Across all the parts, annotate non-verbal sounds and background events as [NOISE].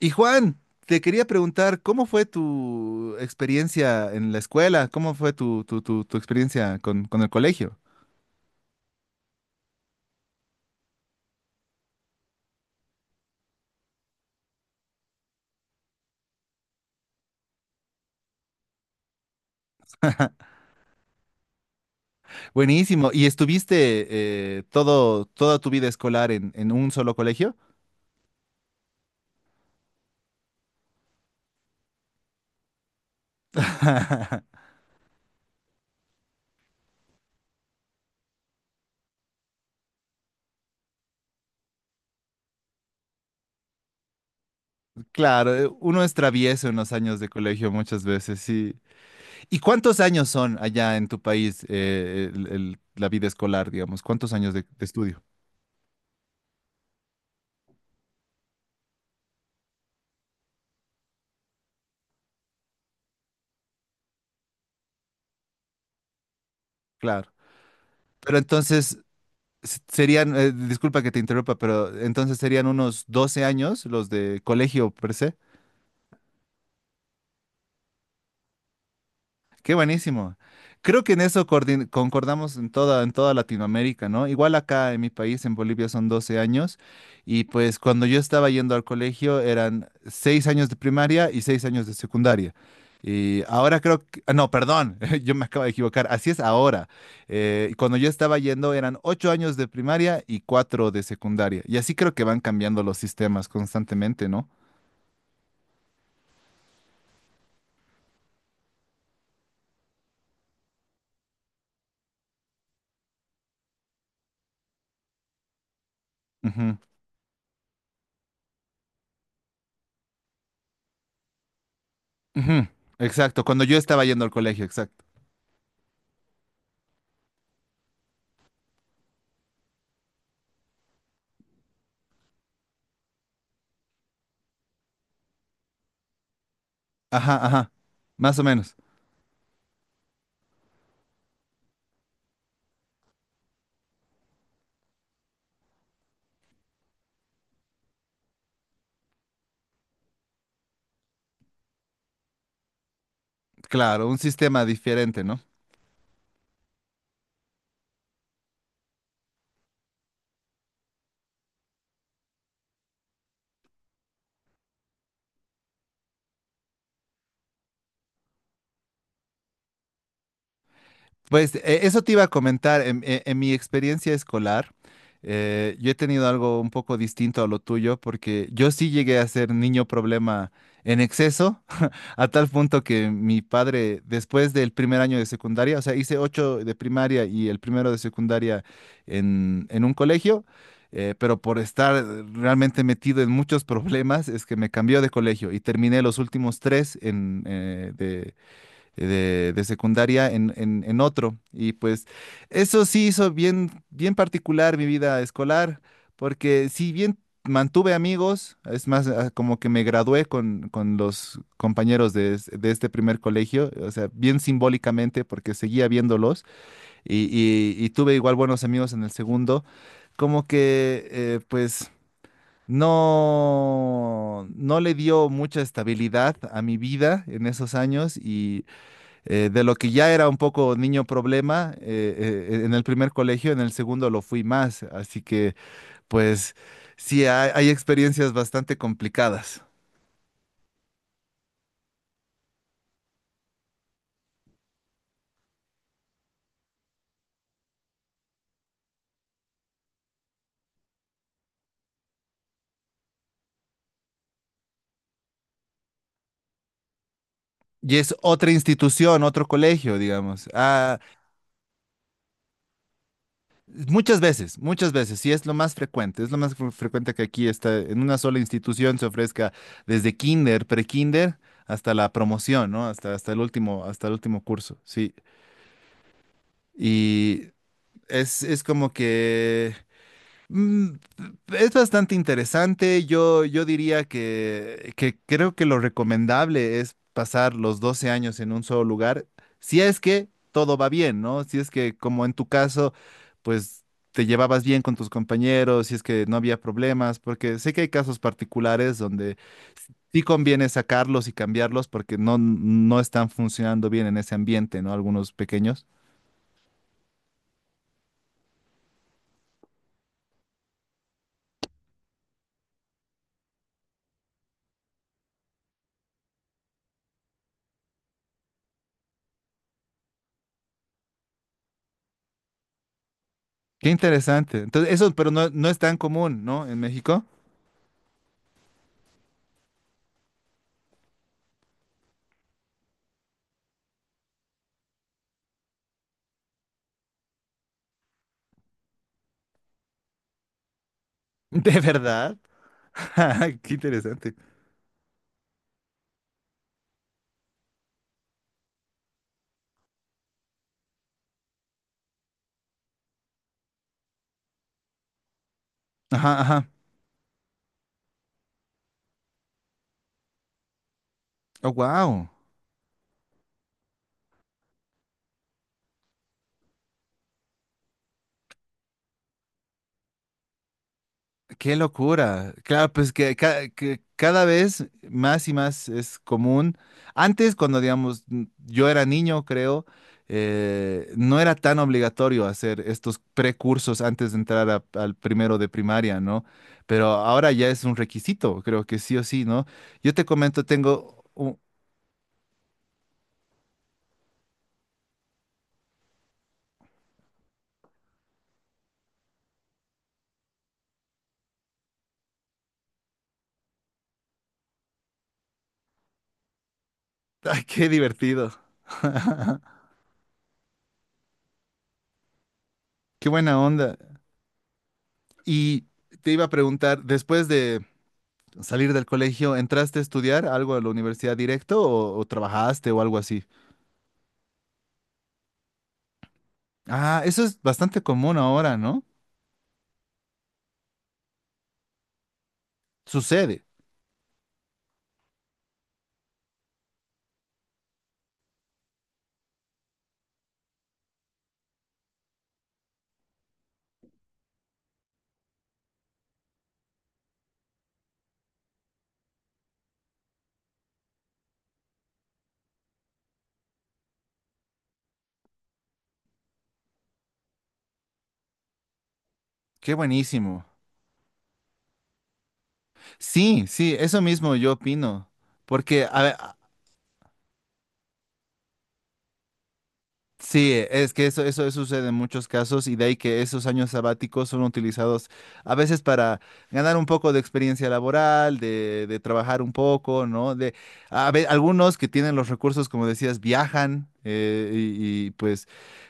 Y Juan, te quería preguntar, ¿cómo fue tu experiencia en la escuela? ¿Cómo fue tu experiencia con el colegio? Buenísimo. ¿Y estuviste toda tu vida escolar en un solo colegio? Claro, uno es travieso en los años de colegio muchas veces, sí. ¿Y cuántos años son allá en tu país la vida escolar, digamos? ¿Cuántos años de estudio? Claro. Pero entonces, serían, disculpa que te interrumpa, pero entonces serían unos 12 años los de colegio per se. Qué buenísimo. Creo que en eso concordamos en toda, Latinoamérica, ¿no? Igual acá en mi país, en Bolivia, son 12 años y pues cuando yo estaba yendo al colegio eran 6 años de primaria y 6 años de secundaria. Y ahora creo que, ah, no, perdón, [LAUGHS] yo me acabo de equivocar, así es ahora. Cuando yo estaba yendo eran 8 años de primaria y 4 de secundaria. Y así creo que van cambiando los sistemas constantemente, ¿no? Ujú, ujú. Exacto, cuando yo estaba yendo al colegio, exacto. Ajá, ajá. Más o menos. Claro, un sistema diferente, ¿no? Pues eso te iba a comentar. En mi experiencia escolar, yo he tenido algo un poco distinto a lo tuyo, porque yo sí llegué a ser niño problema en exceso, [LAUGHS] a tal punto que mi padre, después del primer año de secundaria, o sea, hice 8 de primaria y el primero de secundaria en un colegio, pero por estar realmente metido en muchos [LAUGHS] problemas, es que me cambió de colegio y terminé los últimos 3 de secundaria en otro. Y pues eso sí hizo bien, bien particular mi vida escolar, porque si bien mantuve amigos, es más, como que me gradué con los compañeros de este primer colegio, o sea, bien simbólicamente, porque seguía viéndolos y, y tuve igual buenos amigos en el segundo, como que pues... No, no le dio mucha estabilidad a mi vida en esos años y de lo que ya era un poco niño problema, en el primer colegio, en el segundo lo fui más. Así que, pues, sí, hay experiencias bastante complicadas. Y es otra institución, otro colegio, digamos. Muchas veces, muchas veces, sí es lo más frecuente. Es lo más frecuente que aquí está, en una sola institución se ofrezca desde kinder, pre-kinder, hasta la promoción, ¿no? Hasta, hasta el último curso, sí. Y es, como que Mm, es bastante interesante. Yo diría que, creo que lo recomendable es pasar los 12 años en un solo lugar, si es que todo va bien, ¿no? Si es que, como en tu caso, pues te llevabas bien con tus compañeros, si es que no había problemas, porque sé que hay casos particulares donde sí conviene sacarlos y cambiarlos porque no, no están funcionando bien en ese ambiente, ¿no? Algunos pequeños. Qué interesante. Entonces, eso, pero no, no es tan común, ¿no? En México. [LAUGHS] ¿De verdad? [LAUGHS] Qué interesante. Ajá, ajá. Oh, wow. Qué locura. Claro, pues que, que cada vez más y más es común. Antes, cuando digamos, yo era niño, creo, no era tan obligatorio hacer estos precursos antes de entrar al primero de primaria, ¿no? Pero ahora ya es un requisito, creo que sí o sí, ¿no? Yo te comento, tengo. [LAUGHS] ¡Ay, qué divertido! ¡Qué buena onda! Y te iba a preguntar, después de salir del colegio, ¿entraste a estudiar algo a la universidad directo o, trabajaste o algo así? Ah, eso es bastante común ahora, ¿no? Sucede. Qué buenísimo. Sí, sí, eso mismo yo opino. Porque a, Sí, es que eso, sucede en muchos casos y de ahí que esos años sabáticos son utilizados a veces para ganar un poco de experiencia laboral, de, trabajar un poco, ¿no? Algunos que tienen los recursos, como decías, viajan pues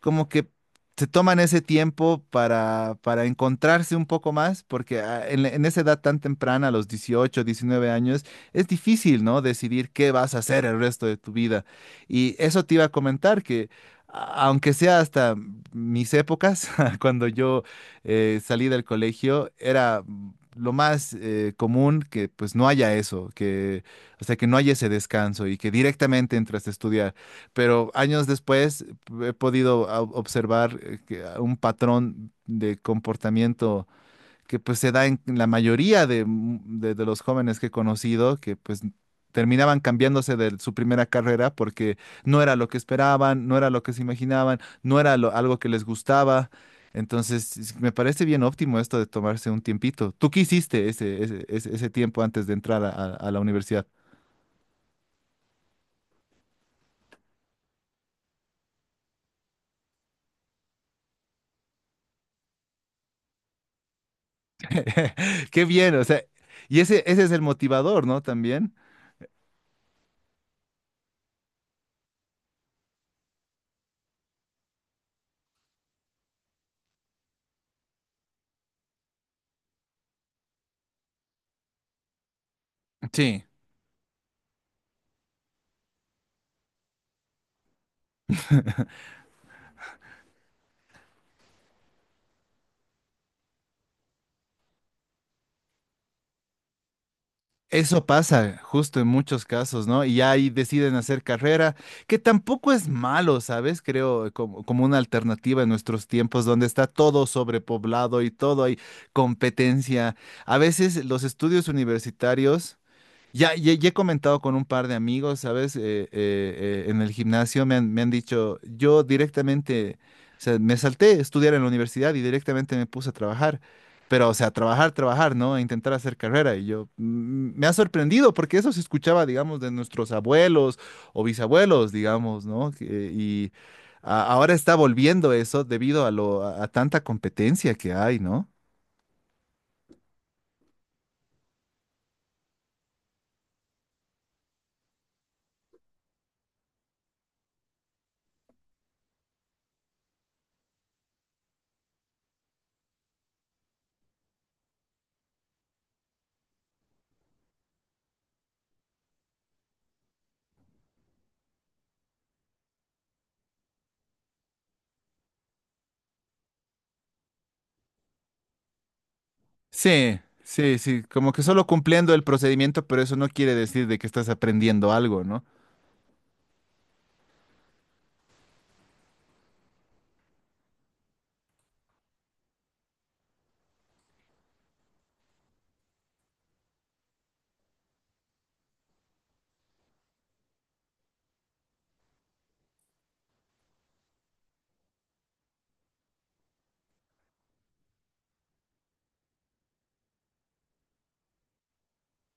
como que se toman ese tiempo para, encontrarse un poco más, porque en esa edad tan temprana, a los 18 19 años, es difícil, ¿no? Decidir qué vas a hacer el resto de tu vida. Y eso te iba a comentar que aunque sea hasta mis épocas, [LAUGHS] cuando yo salí del colegio, era lo más común que pues no haya eso, que, o sea, que no haya ese descanso y que directamente entras a estudiar. Pero años después he podido observar que, un patrón de comportamiento que pues se da en la mayoría de los jóvenes que he conocido, que pues terminaban cambiándose de su primera carrera porque no era lo que esperaban, no era lo que se imaginaban, no era algo que les gustaba. Entonces, me parece bien óptimo esto de tomarse un tiempito. ¿Tú qué hiciste ese tiempo antes de entrar a la universidad? [LAUGHS] Qué bien, o sea, y ese, es el motivador, ¿no? También. Sí. Eso pasa justo en muchos casos, ¿no? Y ahí deciden hacer carrera, que tampoco es malo, ¿sabes? Creo como, como una alternativa en nuestros tiempos donde está todo sobrepoblado y todo hay competencia. A veces los estudios universitarios ya he comentado con un par de amigos, ¿sabes? En el gimnasio me han dicho, yo directamente, o sea, me salté a estudiar en la universidad y directamente me puse a trabajar. Pero, o sea, trabajar, trabajar, ¿no? A intentar hacer carrera. Y yo, me ha sorprendido porque eso se escuchaba, digamos, de nuestros abuelos o bisabuelos, digamos, ¿no? Que- y ahora está volviendo eso debido a lo, a tanta competencia que hay, ¿no? Sí, sí, sí, como que solo cumpliendo el procedimiento, pero eso no quiere decir de que estás aprendiendo algo, ¿no?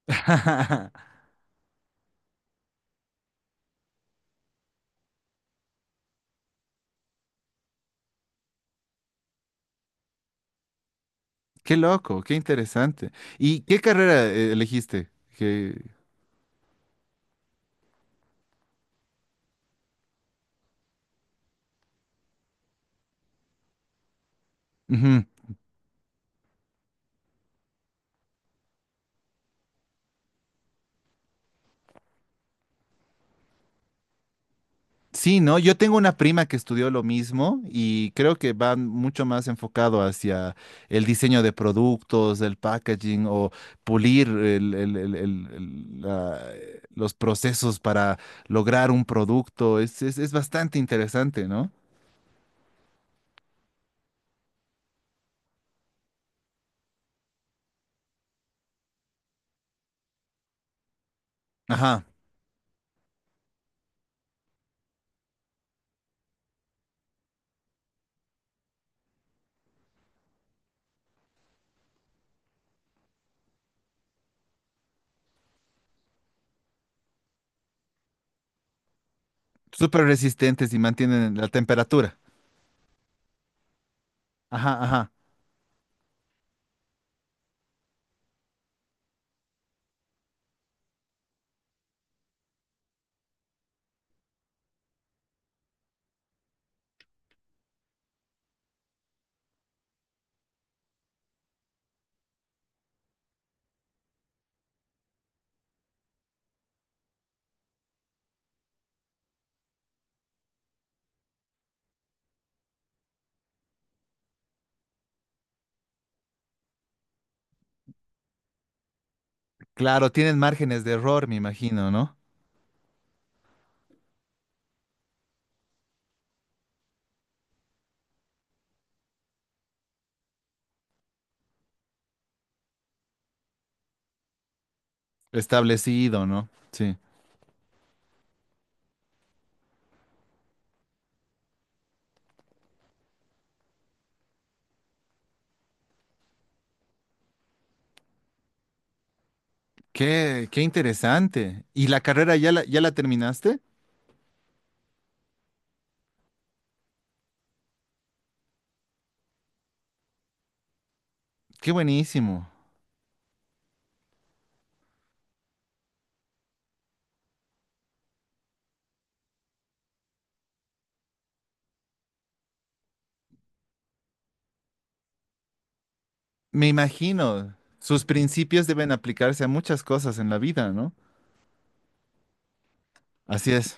[LAUGHS] Qué loco, qué interesante. ¿Y qué carrera elegiste? Que... Ujú. Sí, ¿no? Yo tengo una prima que estudió lo mismo y creo que va mucho más enfocado hacia el diseño de productos, el packaging o pulir el- la- los procesos para lograr un producto. Es bastante interesante, ¿no? Ajá. Súper resistentes y mantienen la temperatura. Ajá, ajá. Claro, tienen márgenes de error, me imagino, ¿no? Establecido, ¿no? Sí. Qué interesante. ¿Y la carrera ya la terminaste? Qué buenísimo. Me imagino, sus principios deben aplicarse a muchas cosas en la vida, ¿no? Así es.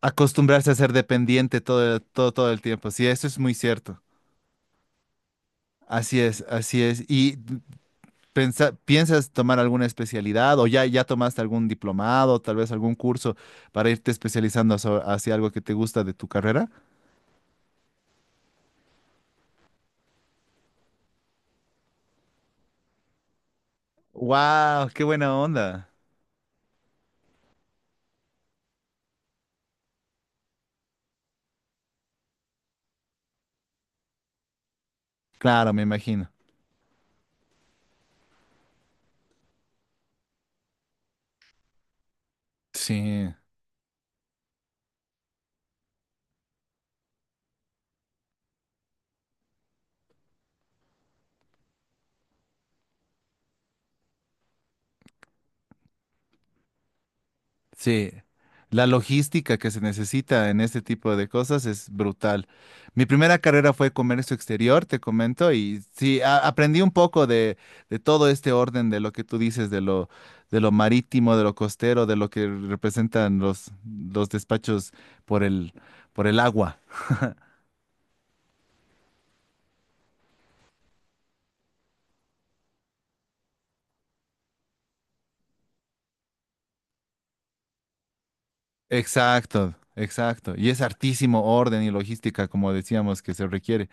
Acostumbrarse a ser dependiente todo el tiempo. Sí, eso es muy cierto. Así es, así es. Y ¿piensas tomar alguna especialidad o ya, tomaste algún diplomado, tal vez algún curso para irte especializando hacia algo que te gusta de tu carrera? ¡Wow! ¡Qué buena onda! Claro, me imagino. Sí. Sí, la logística que se necesita en este tipo de cosas es brutal. Mi primera carrera fue comercio exterior, te comento, y sí, aprendí un poco de todo este orden de lo que tú dices, de lo marítimo, de lo costero, de lo que representan los despachos por el, por el agua. Exacto, exacto. Y es hartísimo orden y logística, como decíamos, que se requiere.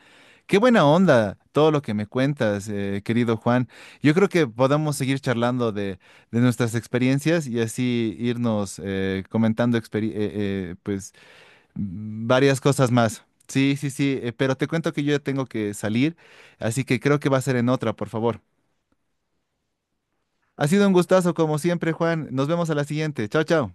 Qué buena onda todo lo que me cuentas, querido Juan. Yo creo que podamos seguir charlando de nuestras experiencias y así irnos comentando pues, varias cosas más. Sí, sí, sí, pero te cuento que yo ya tengo que salir, así que creo que va a ser en otra, por favor. Ha sido un gustazo como siempre, Juan. Nos vemos a la siguiente. Chao, chao.